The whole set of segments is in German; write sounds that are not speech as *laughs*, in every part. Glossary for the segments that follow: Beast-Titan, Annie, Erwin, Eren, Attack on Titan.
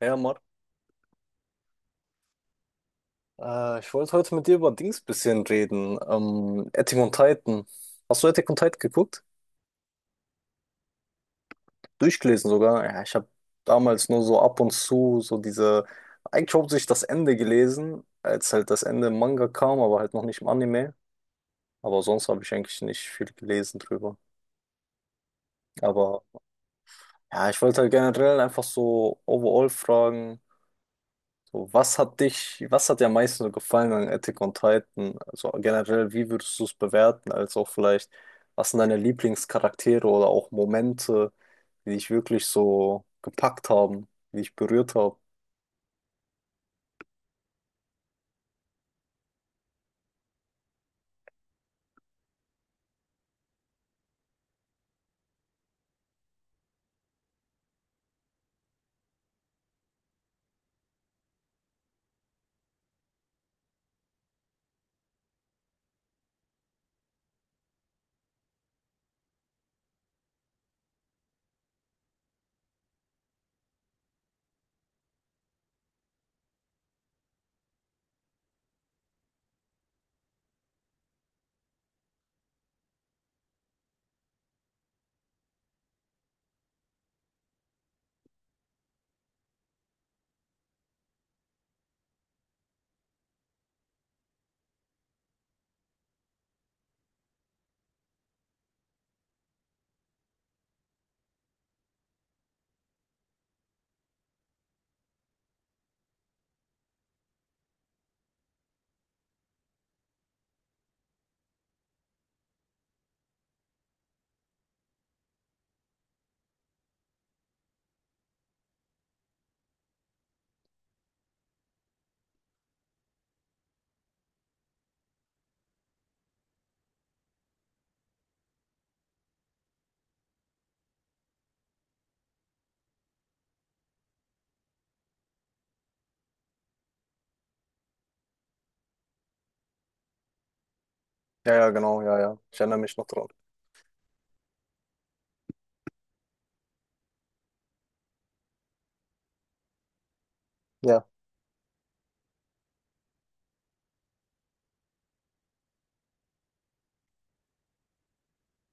Ja, Marc, ich wollte heute mit dir über Dings bisschen reden. Attack on Titan. Hast du Attack on Titan geguckt? Durchgelesen sogar. Ja, ich habe damals nur so ab und zu so diese, eigentlich hauptsächlich das Ende gelesen, als halt das Ende im Manga kam, aber halt noch nicht im Anime. Aber sonst habe ich eigentlich nicht viel gelesen drüber. Aber ja, ich wollte halt generell einfach so overall fragen. So, was hat dich, was hat dir am meisten so gefallen an Attack on Titan? Also generell, wie würdest du es bewerten? Als auch vielleicht, was sind deine Lieblingscharaktere oder auch Momente, die dich wirklich so gepackt haben, die dich berührt haben? Ja, ja, genau, ja, ja. Ich erinnere mich noch dran. Ja,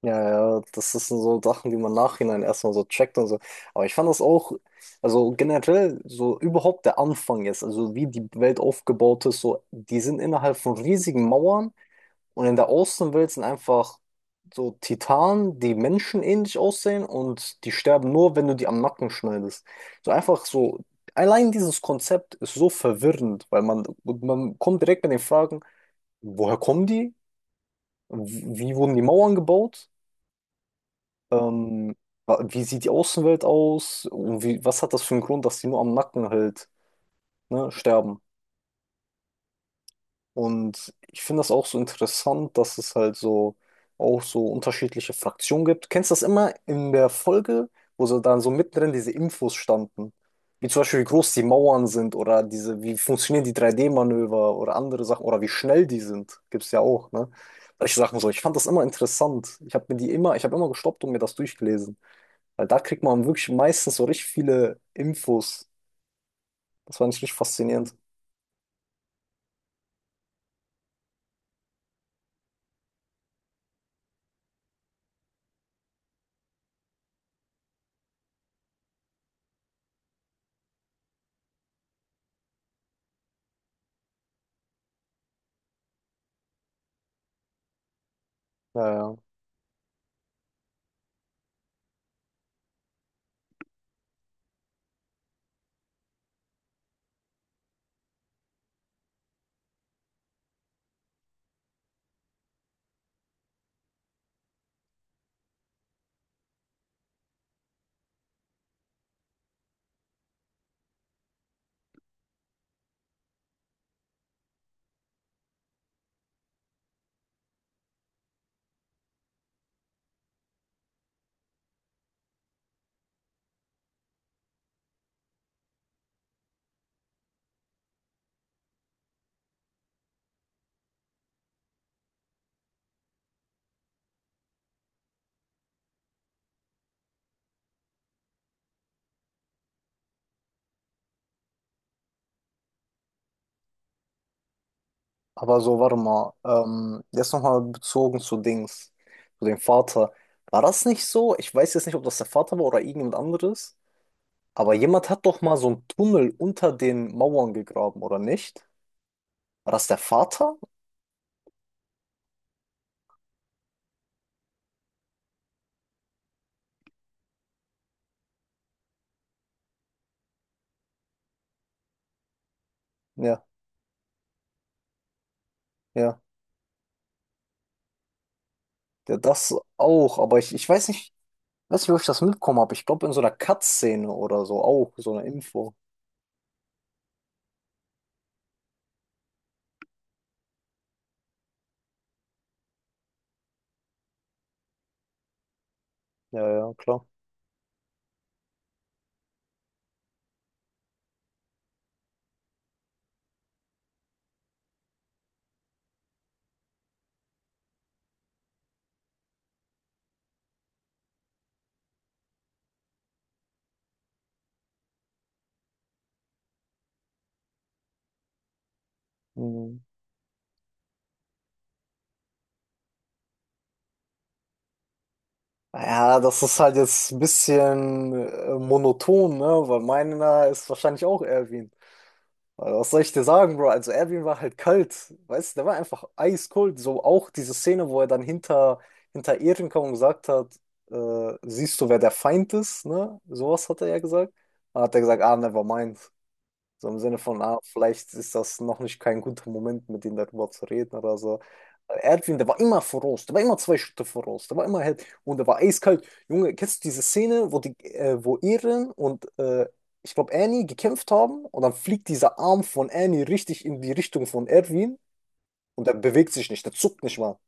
ja, ja, das sind so Sachen, die man nachhinein erstmal so checkt und so. Aber ich fand das auch, also generell, so überhaupt der Anfang jetzt, also wie die Welt aufgebaut ist, so, die sind innerhalb von riesigen Mauern. Und in der Außenwelt sind einfach so Titanen, die menschenähnlich aussehen und die sterben nur, wenn du die am Nacken schneidest. So einfach so, allein dieses Konzept ist so verwirrend, weil man kommt direkt mit den Fragen, woher kommen die? Wie wurden die Mauern gebaut? Ähm, wie sieht die Außenwelt aus? Und wie, was hat das für einen Grund, dass die nur am Nacken halt, ne, sterben? Und ich finde das auch so interessant, dass es halt so auch so unterschiedliche Fraktionen gibt. Kennst du das immer in der Folge, wo so dann so mittendrin diese Infos standen? Wie zum Beispiel, wie groß die Mauern sind oder diese, wie funktionieren die 3D-Manöver oder andere Sachen oder wie schnell die sind, gibt es ja auch, ne? Solche Sachen so. Ich fand das immer interessant. Ich habe mir die immer, ich habe immer gestoppt und mir das durchgelesen. Weil da kriegt man wirklich meistens so richtig viele Infos. Das war ich richtig faszinierend. Ja, ja. Aber so, warte mal, jetzt nochmal bezogen zu Dings, zu dem Vater. War das nicht so? Ich weiß jetzt nicht, ob das der Vater war oder irgendjemand anderes, aber jemand hat doch mal so einen Tunnel unter den Mauern gegraben, oder nicht? War das der Vater? Ja, ja, ja, das auch, aber ich weiß nicht, wo ich das mitbekommen habe. Ich glaube, in so einer Cut-Szene oder so auch, so eine Info. Ja, ja, klar. Mhm. Ja, das ist halt jetzt ein bisschen monoton, ne? Weil meiner ist wahrscheinlich auch Erwin. Also, was soll ich dir sagen, Bro? Also Erwin war halt kalt, weißt du, der war einfach eiskalt. So auch diese Szene, wo er dann hinter, hinter Ehren kam und gesagt hat, siehst du, wer der Feind ist, ne? Sowas hat er ja gesagt. Da hat er gesagt, ah, never mind. So im Sinne von, ah, vielleicht ist das noch nicht kein guter Moment, mit ihm darüber zu reden oder so. Erdwin, der war immer voraus, der war immer zwei Schritte voraus, der war immer halt, und der war eiskalt. Junge, kennst du diese Szene, wo die, wo Eren und ich glaube Annie gekämpft haben und dann fliegt dieser Arm von Annie richtig in die Richtung von Erdwin und der bewegt sich nicht, der zuckt nicht mal.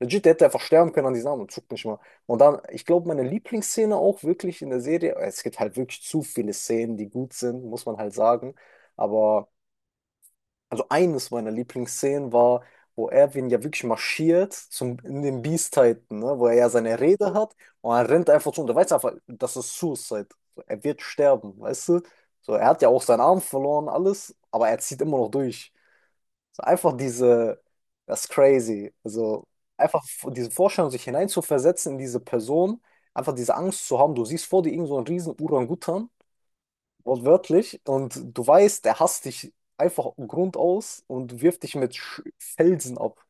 Legit, der hätte einfach sterben können an diesem Arm und zuckt nicht mal. Und dann, ich glaube, meine Lieblingsszene auch wirklich in der Serie, es gibt halt wirklich zu viele Szenen, die gut sind, muss man halt sagen. Aber also eines meiner Lieblingsszenen war, wo Erwin ja wirklich marschiert zum, in den Beast-Titan, ne? Wo er ja seine Rede hat und er rennt einfach zu und er weiß einfach, das ist Suicide. So, er wird sterben, weißt du? So, er hat ja auch seinen Arm verloren, alles, aber er zieht immer noch durch. So, einfach diese, das ist crazy. Also einfach diese Vorstellung, sich hineinzuversetzen in diese Person, einfach diese Angst zu haben, du siehst vor dir irgend so einen riesen Orangutan wortwörtlich. Und du weißt, er hasst dich einfach grundaus und wirft dich mit Sch Felsen ab.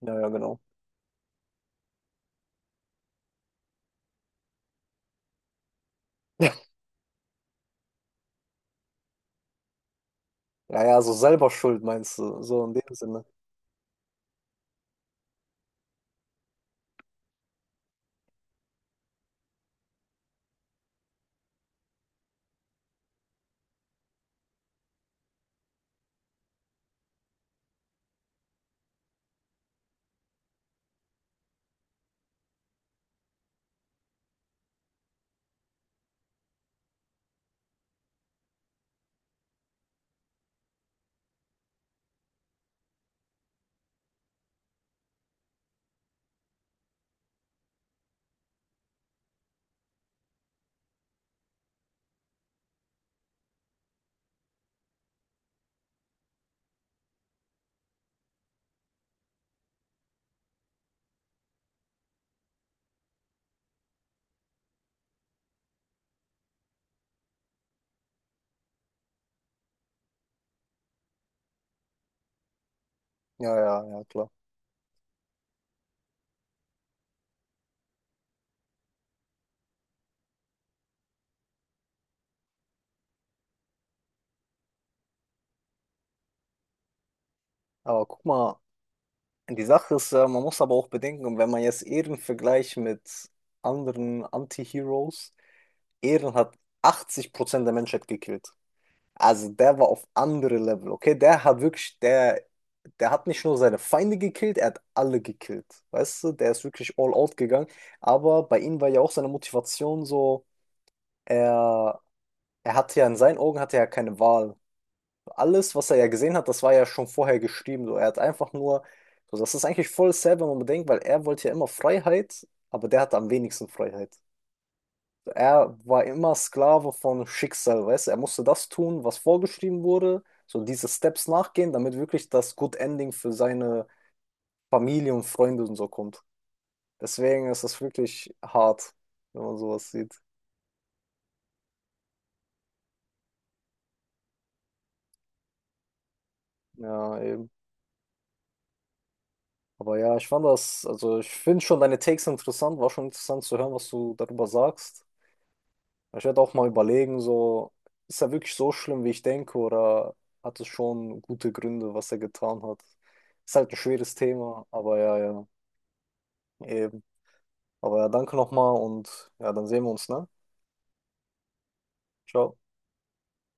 Ja, ja, genau. *laughs* Ja, ja, so selber schuld meinst du, so in dem Sinne. Ja, ja, ja, klar. Aber guck mal, die Sache ist, man muss aber auch bedenken, wenn man jetzt Eren vergleicht mit anderen Anti-Heroes, Eren hat 80% der Menschheit gekillt. Also der war auf andere Level, okay? Der hat wirklich, der hat nicht nur seine Feinde gekillt, er hat alle gekillt. Weißt du, der ist wirklich all out gegangen. Aber bei ihm war ja auch seine Motivation so, er, er hatte ja in seinen Augen hatte er ja keine Wahl. Alles, was er ja gesehen hat, das war ja schon vorher geschrieben. So, er hat einfach nur, so, das ist eigentlich voll sad, wenn man bedenkt, weil er wollte ja immer Freiheit, aber der hatte am wenigsten Freiheit. Er war immer Sklave von Schicksal, weißt du? Er musste das tun, was vorgeschrieben wurde, so diese Steps nachgehen, damit wirklich das Good Ending für seine Familie und Freunde und so kommt. Deswegen ist das wirklich hart, wenn man sowas sieht. Ja, eben. Aber ja, ich fand das, also ich finde schon deine Takes interessant, war schon interessant zu hören, was du darüber sagst. Ich werde auch mal überlegen, so, ist er wirklich so schlimm, wie ich denke, oder hat es schon gute Gründe, was er getan hat? Ist halt ein schweres Thema, aber ja, ja. Eben. Aber ja, danke nochmal und ja, dann sehen wir uns, ne? Ciao.